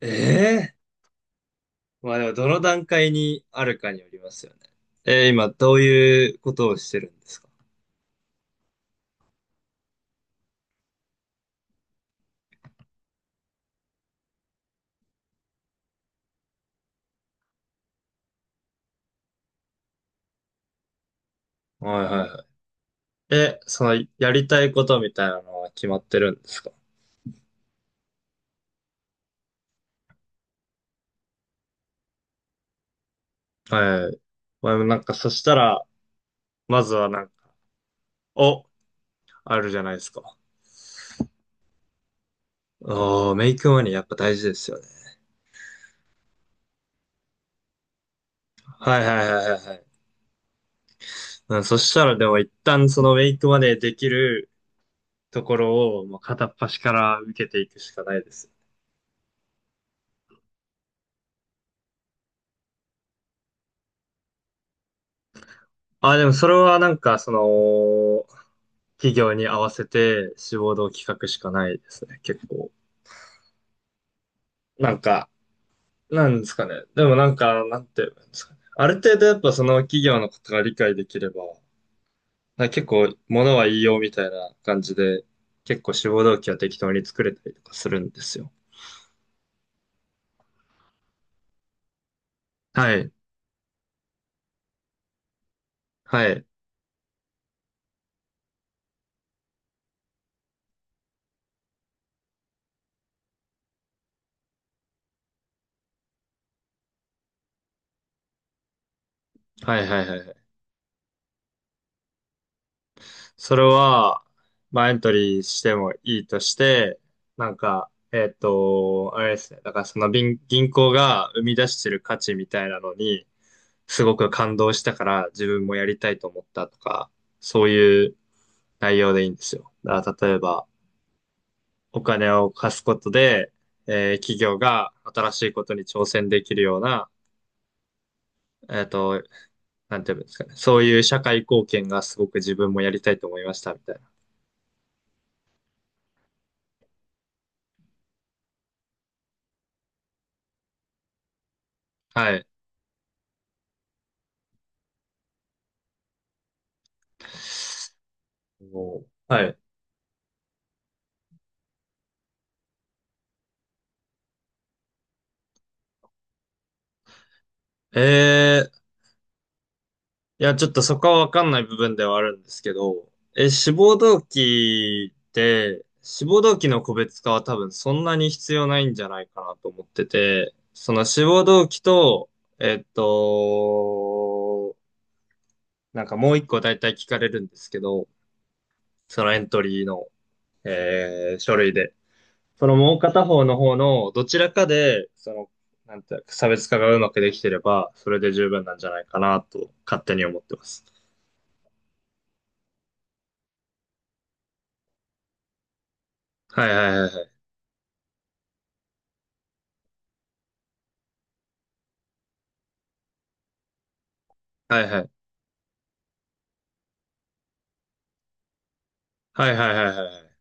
ええまあでも、どの段階にあるかによりますよね。今、どういうことをしてるんですか？はいはいはい。え、その、やりたいことみたいなのは決まってるんですか？はい。まあでもなんか、そしたら、まずはなんか、お、あるじゃないですか。おー、メイクマネーやっぱ大事ですよね。はいはいはいはいはい。うん、そしたらでも一旦そのメイクマネーできるところを、もう片っ端から受けていくしかないですよね。あ、でもそれはなんか、その、企業に合わせて志望動機書くしかないですね、結構。なんか、なんですかね。でもなんか、なんて言うんですかね。ある程度やっぱその企業のことが理解できれば、なんか結構物は言いようみたいな感じで、結構志望動機は適当に作れたりとかするんですよ。はい。はい。はいはいはいはい。それは、まあ、エントリーしてもいいとして、なんか、えっと、あれですね。だからその銀行が生み出してる価値みたいなのに、すごく感動したから自分もやりたいと思ったとか、そういう内容でいいんですよ。だから例えば、お金を貸すことで、企業が新しいことに挑戦できるような、えっと、なんていうんですかね。そういう社会貢献がすごく自分もやりたいと思いましたみたいな。はい。おはい。えー、いや、ちょっとそこはわかんない部分ではあるんですけど、え、志望動機の個別化は多分そんなに必要ないんじゃないかなと思ってて、その志望動機と、えっと、なんかもう一個大体聞かれるんですけど、そのエントリーの、書類で。そのもう片方の方のどちらかで、その、なんていうか、差別化がうまくできてれば、それで十分なんじゃないかなと、勝手に思ってます。はいはいはいはい。はいはい。はいはいはいはいはい。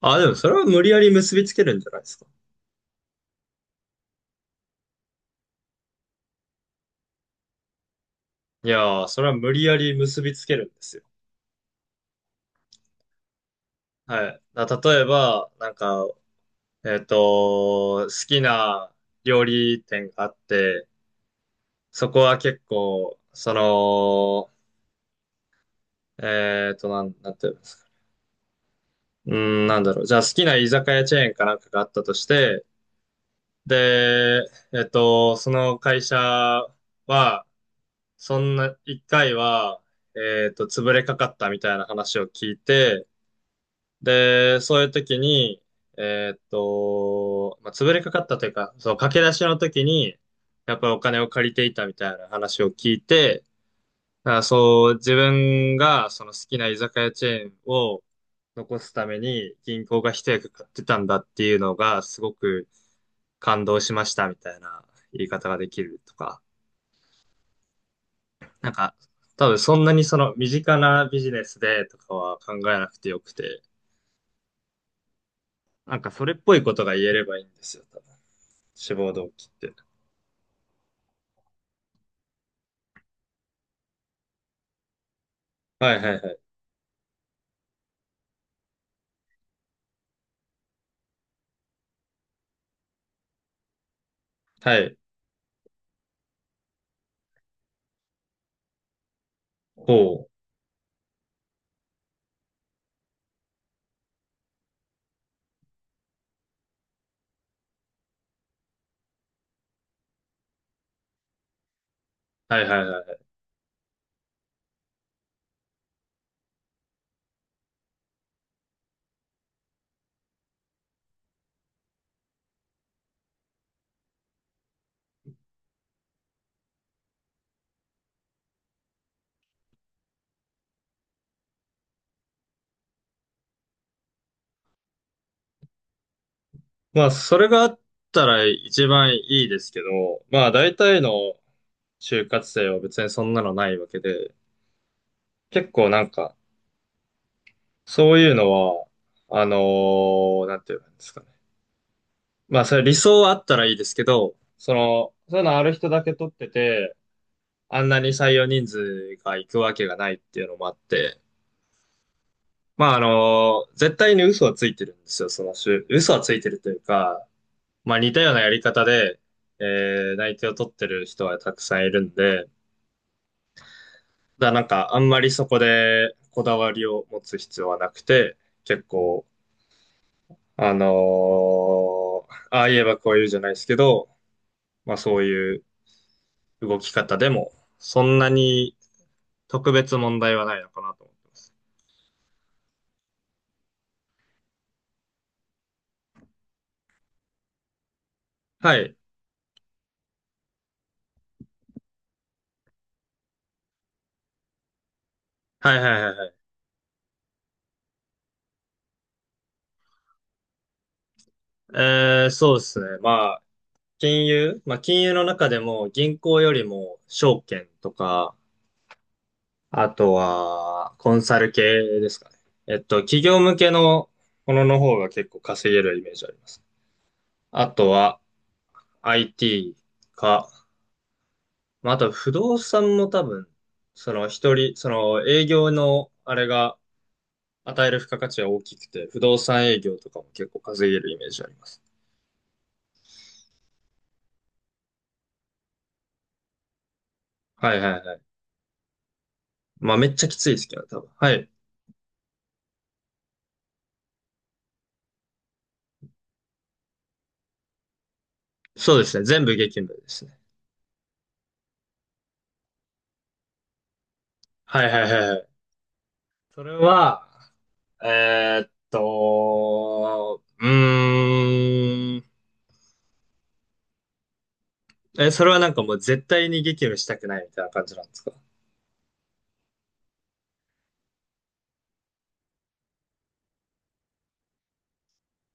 あ、でもそれは無理やり結びつけるんじゃないですか。いやー、それは無理やり結びつけるんですよ。はい。だ例えば、なんか、えっと、好きな料理店があって、そこは結構、その、えっと、なんていうの？うん、なんだろう。じゃあ好きな居酒屋チェーンかなんかがあったとして、で、えっと、その会社は、そんな、一回は、えっと、潰れかかったみたいな話を聞いて、で、そういう時に、えっと、まあ、潰れかかったというか、そう、駆け出しの時に、やっぱりお金を借りていたみたいな話を聞いて、だからそう、自分がその好きな居酒屋チェーンを残すために銀行が一役買ってたんだっていうのがすごく感動しましたみたいな言い方ができるとか、なんか多分そんなにその身近なビジネスでとかは考えなくてよくて、なんかそれっぽいことが言えればいいんですよ、多分。志望動機って。はいはいはい。はい。こう。はいはいはい。まあそれがあったら一番いいですけど、まあ大体の就活生は別にそんなのないわけで、結構なんか、そういうのは、あのなんていうんですかね。まあ、それ理想はあったらいいですけど、その、そういうのある人だけ取ってて、あんなに採用人数が行くわけがないっていうのもあって、まあ、絶対に嘘はついてるんですよ、その就、嘘はついてるというか、まあ、似たようなやり方で、内定を取ってる人はたくさんいるんで、だからなんか、あんまりそこでこだわりを持つ必要はなくて、結構、あのああ言えばこう言うじゃないですけど、まあそういう動き方でも、そんなに特別問題はないのかなと思ってます。はい。はいはいはいはい。そうですね。まあ、金融、まあ金融の中でも銀行よりも証券とか、あとはコンサル系ですかね。えっと、企業向けのものの方が結構稼げるイメージあります。あとは IT か、まあ、あと不動産も多分、その一人、その営業のあれが与える付加価値は大きくて、不動産営業とかも結構稼げるイメージあります。はいはいはい。まあめっちゃきついですけどね、多分。はい。そうですね。全部激務ですね。はいはいはいはい。それは、うーん。え、それはなんかもう絶対に激務したくないみたいな感じなんですか？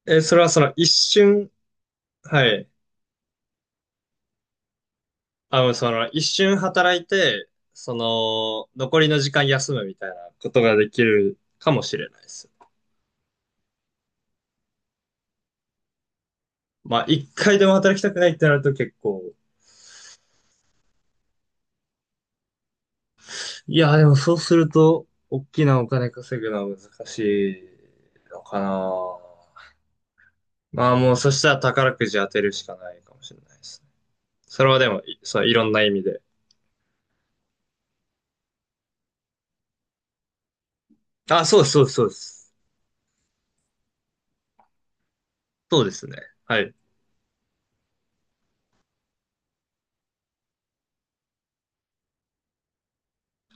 え、それはその一瞬、はい。あの、その、一瞬働いて、その、残りの時間休むみたいなことができるかもしれないです。まあ、一回でも働きたくないってなると結構、いや、でもそうすると、大きなお金稼ぐのは難しいのかな。まあもう、そしたら宝くじ当てるしかないかもしれないですね。それはでも、いそう、いろんな意味で。あ、そうです、そうです、そうです。そうですね。はい。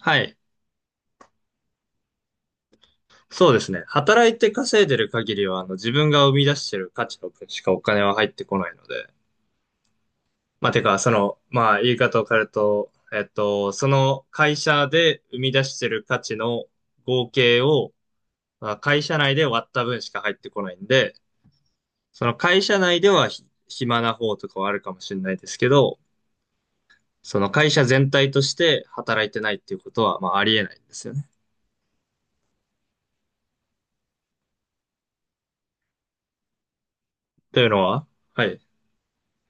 はい。そうですね。働いて稼いでる限りは、あの、自分が生み出してる価値の分しかお金は入ってこないので。まあ、てか、その、まあ、言い方を変えると、えっと、その会社で生み出してる価値の合計を、まあ、会社内で割った分しか入ってこないんで、その会社内ではひ暇な方とかはあるかもしれないですけど、その会社全体として働いてないっていうことは、まあ、ありえないんですよね。というのは、はい。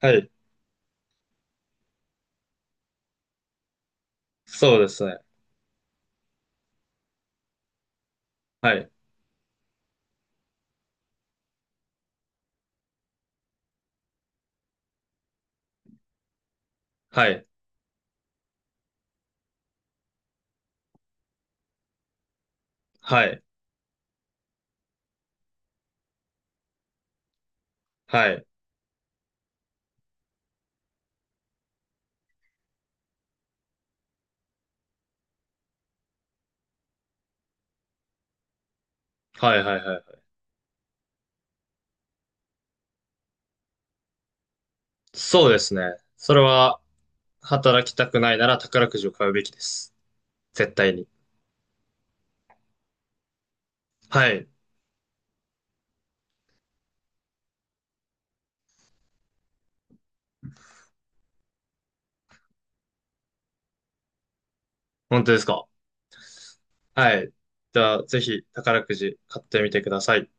はい。そうですね。はい。はい。はい。はい。はいはいはい。そうですね。それは、働きたくないなら宝くじを買うべきです。絶対に。はい。本当ですか？はい。じゃあ、ぜひ宝くじ買ってみてください。